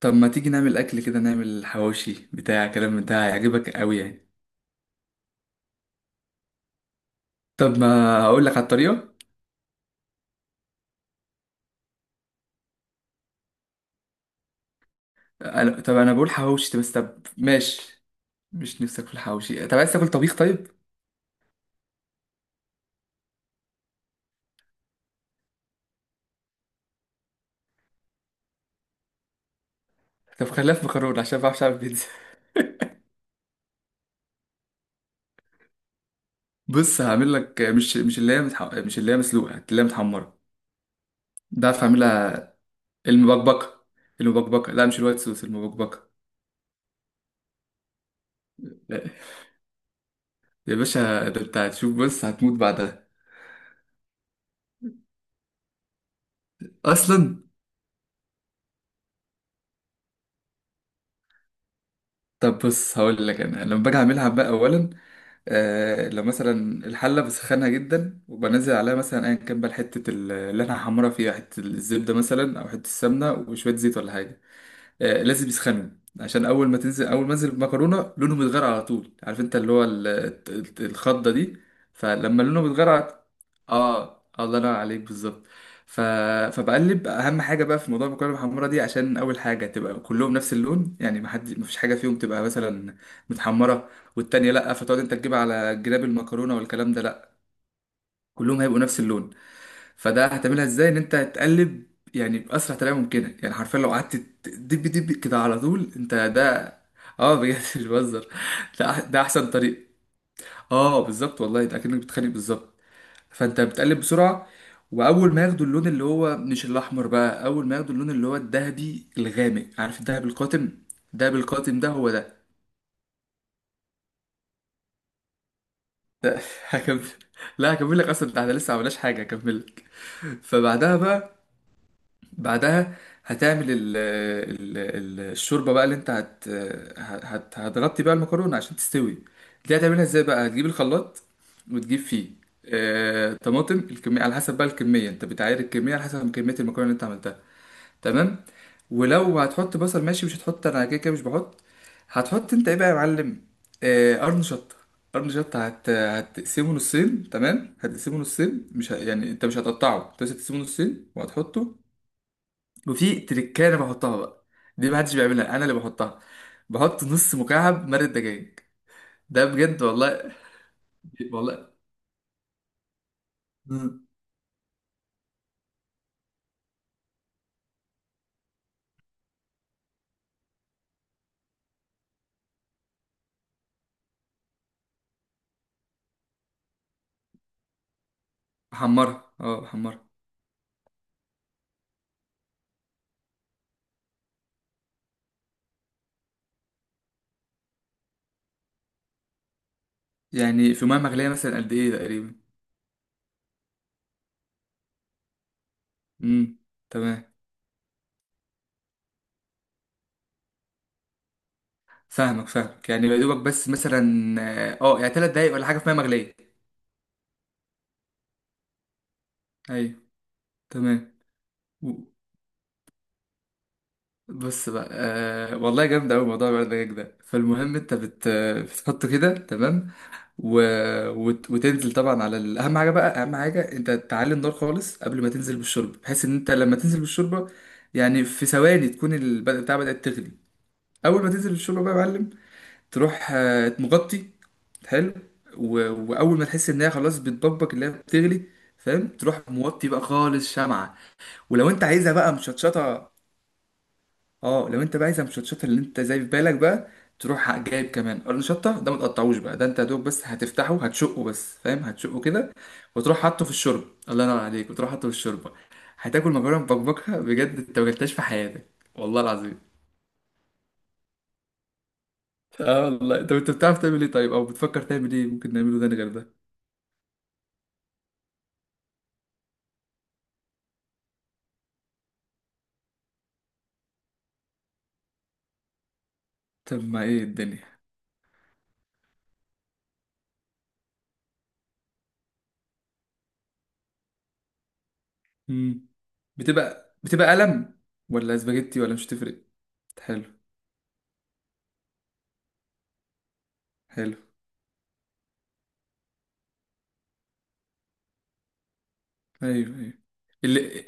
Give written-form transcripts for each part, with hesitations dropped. طب ما تيجي نعمل اكل كده، نعمل حواوشي بتاع كلام من ده، هيعجبك قوي يعني. طب ما اقول لك على الطريقه. انا طب انا بقول حواوشي، طب بس، طب ماشي. مش نفسك في الحواوشي؟ طب عايز تاكل طبيخ؟ طيب، طب خليها في مكرونه عشان ما بعرفش اعمل بيتزا. بص، هعمل لك مش اللي هي مسلوقه، اللي هي متحمره. ده عارف اعملها، المبكبكه. المبكبكه، لا مش الوايت صوص، المبكبكه. يا باشا، ده انت هتشوف، بص هتموت بعدها. اصلا طب بص، هقول لك انا لما باجي اعملها بقى. اولا لو مثلا الحلة بسخنها جدا، وبنزل عليها مثلا أيا كان بقى حتة اللي أنا هحمرها فيها، حتة الزبدة مثلا أو حتة السمنة وشوية زيت ولا حاجة. لازم يسخنوا عشان اول ما انزل المكرونه لونهم يتغير على طول. عارف انت اللي هو الخضه دي. فلما لونهم يتغير على- اه الله ينور عليك بالظبط. ف... فبقلب، اهم حاجه بقى في موضوع المكرونه المحمره دي، عشان اول حاجه تبقى كلهم نفس اللون، يعني ما حد، ما فيش حاجه فيهم تبقى مثلا متحمره والتانيه لا، فتقعد انت تجيب على جناب المكرونه والكلام ده، لا، كلهم هيبقوا نفس اللون. فده هتعملها ازاي؟ ان انت هتقلب يعني باسرع طريقه ممكنه، يعني حرفيا لو قعدت دب دب كده على طول انت ده. اه بجد، مش بهزر. ده احسن طريق. اه بالظبط والله، ده اكنك بتخانق بالظبط. فانت بتقلب بسرعه، واول ما ياخدوا اللون اللي هو مش الاحمر بقى، اول ما ياخدوا اللون اللي هو الذهبي الغامق، عارف الذهب القاتم؟ الذهب القاتم ده، هو ده. هكمل. لا، هكمل لك، اصلا ده احنا لسه ما عملناش حاجه، هكمل لك. فبعدها بقى، بعدها هتعمل الشوربه بقى اللي انت هت، هتغطي بقى المكرونه عشان تستوي. دي هتعملها ازاي بقى؟ هتجيب الخلاط وتجيب فيه طماطم. الكميه على حسب بقى، الكميه انت بتعاير الكميه على حسب كميه المكرونه اللي انت عملتها. تمام. ولو هتحط بصل، ماشي، مش هتحط، انا كده كده مش بحط. هتحط انت ايه بقى يا معلم؟ قرن شطه. قرن شطه، هتقسمه نصين، تمام. هتقسمه نصين، مش ه... يعني انت مش هتقطعه انت، بس هتقسمه نصين وهتحطه. وفي تريكايه انا بحطها بقى، دي محدش بيعملها، انا اللي بحطها. بحط نص مكعب مرق دجاج. ده بجد والله. مم. بحمرها، اه بحمرها. يعني في ميه مغليه مثلا قد ايه تقريبا؟ امم، تمام. فاهمك، فاهمك يعني يا دوبك بس مثلا. اه يعني 3 دقايق ولا حاجه في ميه مغليه؟ ايوه، تمام. بص بقى، آه والله جامد أوي موضوع الورد ده. فالمهم أنت بتحطه كده، تمام. و... وتنزل طبعا على أهم حاجة بقى، أهم حاجة أنت تعلي النار خالص قبل ما تنزل بالشوربة، بحيث إن أنت لما تنزل بالشوربة يعني في ثواني تكون البدء بتاع بدأت تغلي. أول ما تنزل بالشوربة بقى يا معلم، تروح مغطي. حلو. و... وأول ما تحس إن هي خلاص بتبقبق، اللي هي بتغلي، فاهم، تروح موطي بقى خالص شمعة. ولو أنت عايزها بقى مشطشطة، اه لو انت بقى عايز المشطشطه اللي انت زي في بالك بقى، تروح جايب كمان قرن شطه، ده ما تقطعوش بقى، ده انت يا دوب بس هتفتحه، هتشقه بس فاهم، هتشقه كده وتروح حاطه في الشوربه، الله ينور عليك، وتروح حاطه في الشوربه. هتاكل مكرونه مبكبكه بجد، انت ما اكلتهاش في حياتك والله العظيم. اه والله. طب انت بتعرف تعمل ايه طيب، او بتفكر تعمل ايه ممكن نعمله ده غير ده؟ طب ما ايه الدنيا. مم. بتبقى قلم ولا سباجيتي، ولا مش تفرق؟ حلو، حلو. ايوه، ايوه، اللي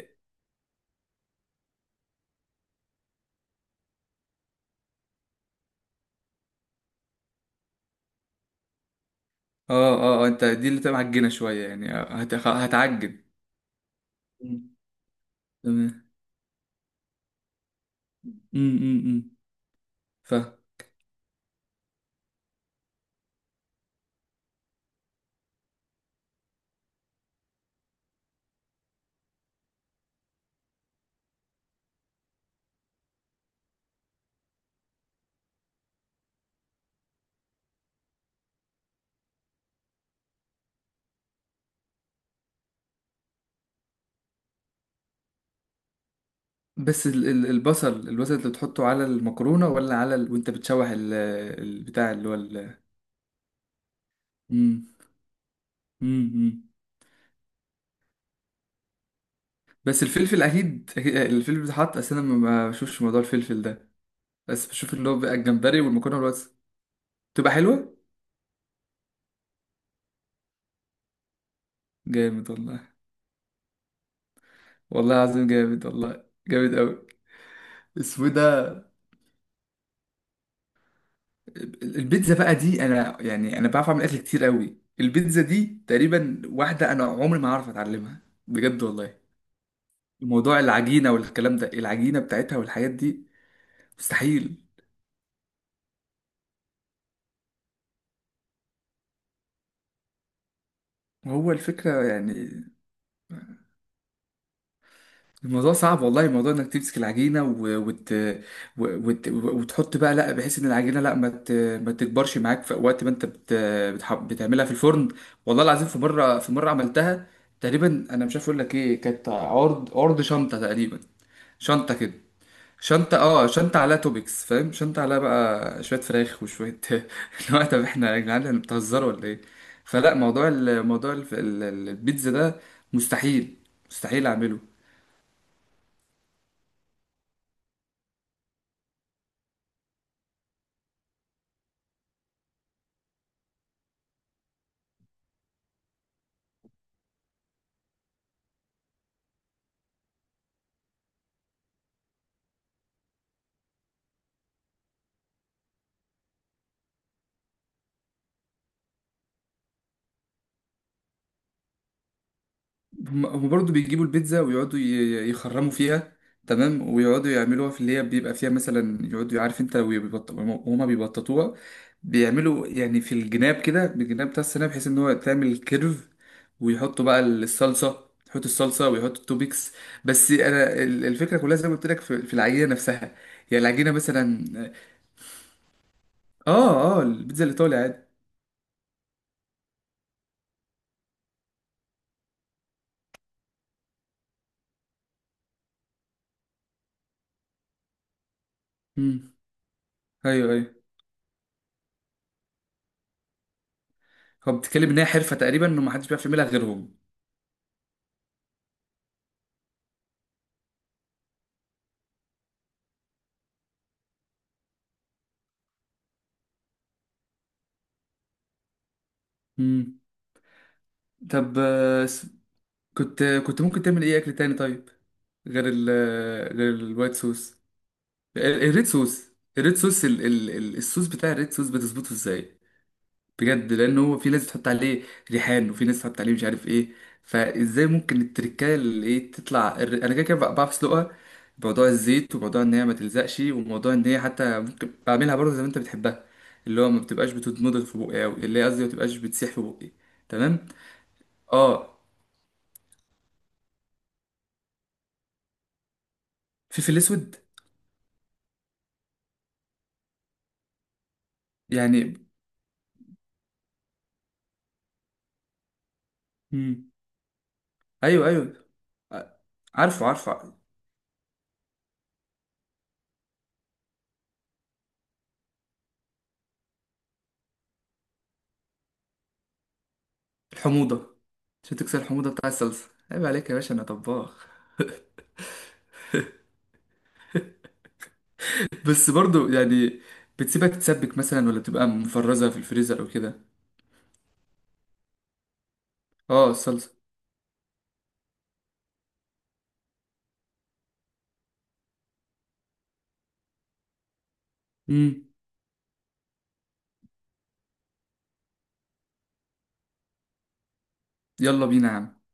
اه، انت دي اللي تبقى معجنه شويه يعني، هتعجن. مم. تمام. امم، امم ف بس البصل اللي بتحطه على المكرونه ولا على وانت بتشوح ال... البتاع اللي هو ال... مم، مم. بس الفلفل الفلفل بيتحط، اصل انا ما بشوفش موضوع الفلفل ده، بس بشوف اللي هو بقى الجمبري والمكرونه بس. تبقى حلوه. جامد والله. والله العظيم جامد والله، جامد قوي. اسمه إيه ده؟ البيتزا بقى دي، انا يعني انا بعرف اعمل اكل كتير قوي، البيتزا دي تقريبا واحده انا عمري ما هعرف اتعلمها، بجد والله. موضوع العجينه والكلام ده، العجينه بتاعتها والحاجات دي مستحيل. هو الفكره يعني الموضوع صعب والله، موضوع انك تمسك العجينه وتحط بقى، لا بحيث ان العجينه لا ما تكبرش معاك في وقت ما انت بتعملها في الفرن. والله العظيم في مره، عملتها تقريبا، انا مش عارف اقول لك ايه، كانت عرض عرض شنطه تقريبا. شنطة كده، شنطة، اه شنطة عليها توبكس فاهم، شنطة عليها بقى شوية فراخ وشوية هو طب احنا يا جدعان، احنا بتهزروا ولا ايه؟ فلا، موضوع البيتزا ده مستحيل، مستحيل اعمله. هم برضه بيجيبوا البيتزا ويقعدوا يخرموا فيها، تمام، ويقعدوا يعملوها في اللي هي بيبقى فيها مثلا، يقعدوا، عارف انت لو وهما بيبططوها، بيعملوا يعني في الجناب كده، بالجناب بتاع السناب، بحيث ان هو تعمل كيرف، ويحطوا بقى الصلصة، يحط الصلصة ويحط التوبيكس. بس انا، ال- الفكرة كلها زي ما قلت لك في العجينة نفسها. يعني العجينة مثلا، اه البيتزا الايطالي عادي. امم. ايوه، ايوه، هو بتتكلم ان هي حرفة تقريبا، انه ما حدش بيعرف يعملها غيرهم. امم. طب كنت ممكن تعمل ايه اكل تاني طيب، غير ال، غير الوايت صوص؟ الريد صوص. الريد صوص، الصوص بتاع الريد صوص، بتظبطه ازاي؟ بجد، لان هو في ناس بتحط عليه ريحان، وفي ناس بتحط عليه مش عارف ايه. فازاي ممكن التركايه اللي ايه، تطلع الر-، انا كده كده بعرف اسلقها، بموضوع الزيت وموضوع ان هي ما تلزقش، وموضوع ان هي حتى ممكن بعملها برضه زي ما انت بتحبها، اللي هو ما بتبقاش بتتمضغ في بقي، او اللي هي قصدي ما بتبقاش بتسيح في بقي. تمام. اه. فلفل اسود؟ يعني، ايوه ايوه. ع- عارفه، عارفه. الحموضه. عشان تكسر الحموضه بتاع الصلصه، عيب عليك يا باشا، انا طباخ. بس برضو يعني، بتسيبها تتسبك مثلا، ولا بتبقى مفرزه في الفريزر او كده؟ اه الصلصه. امم. يلا بينا يا عم.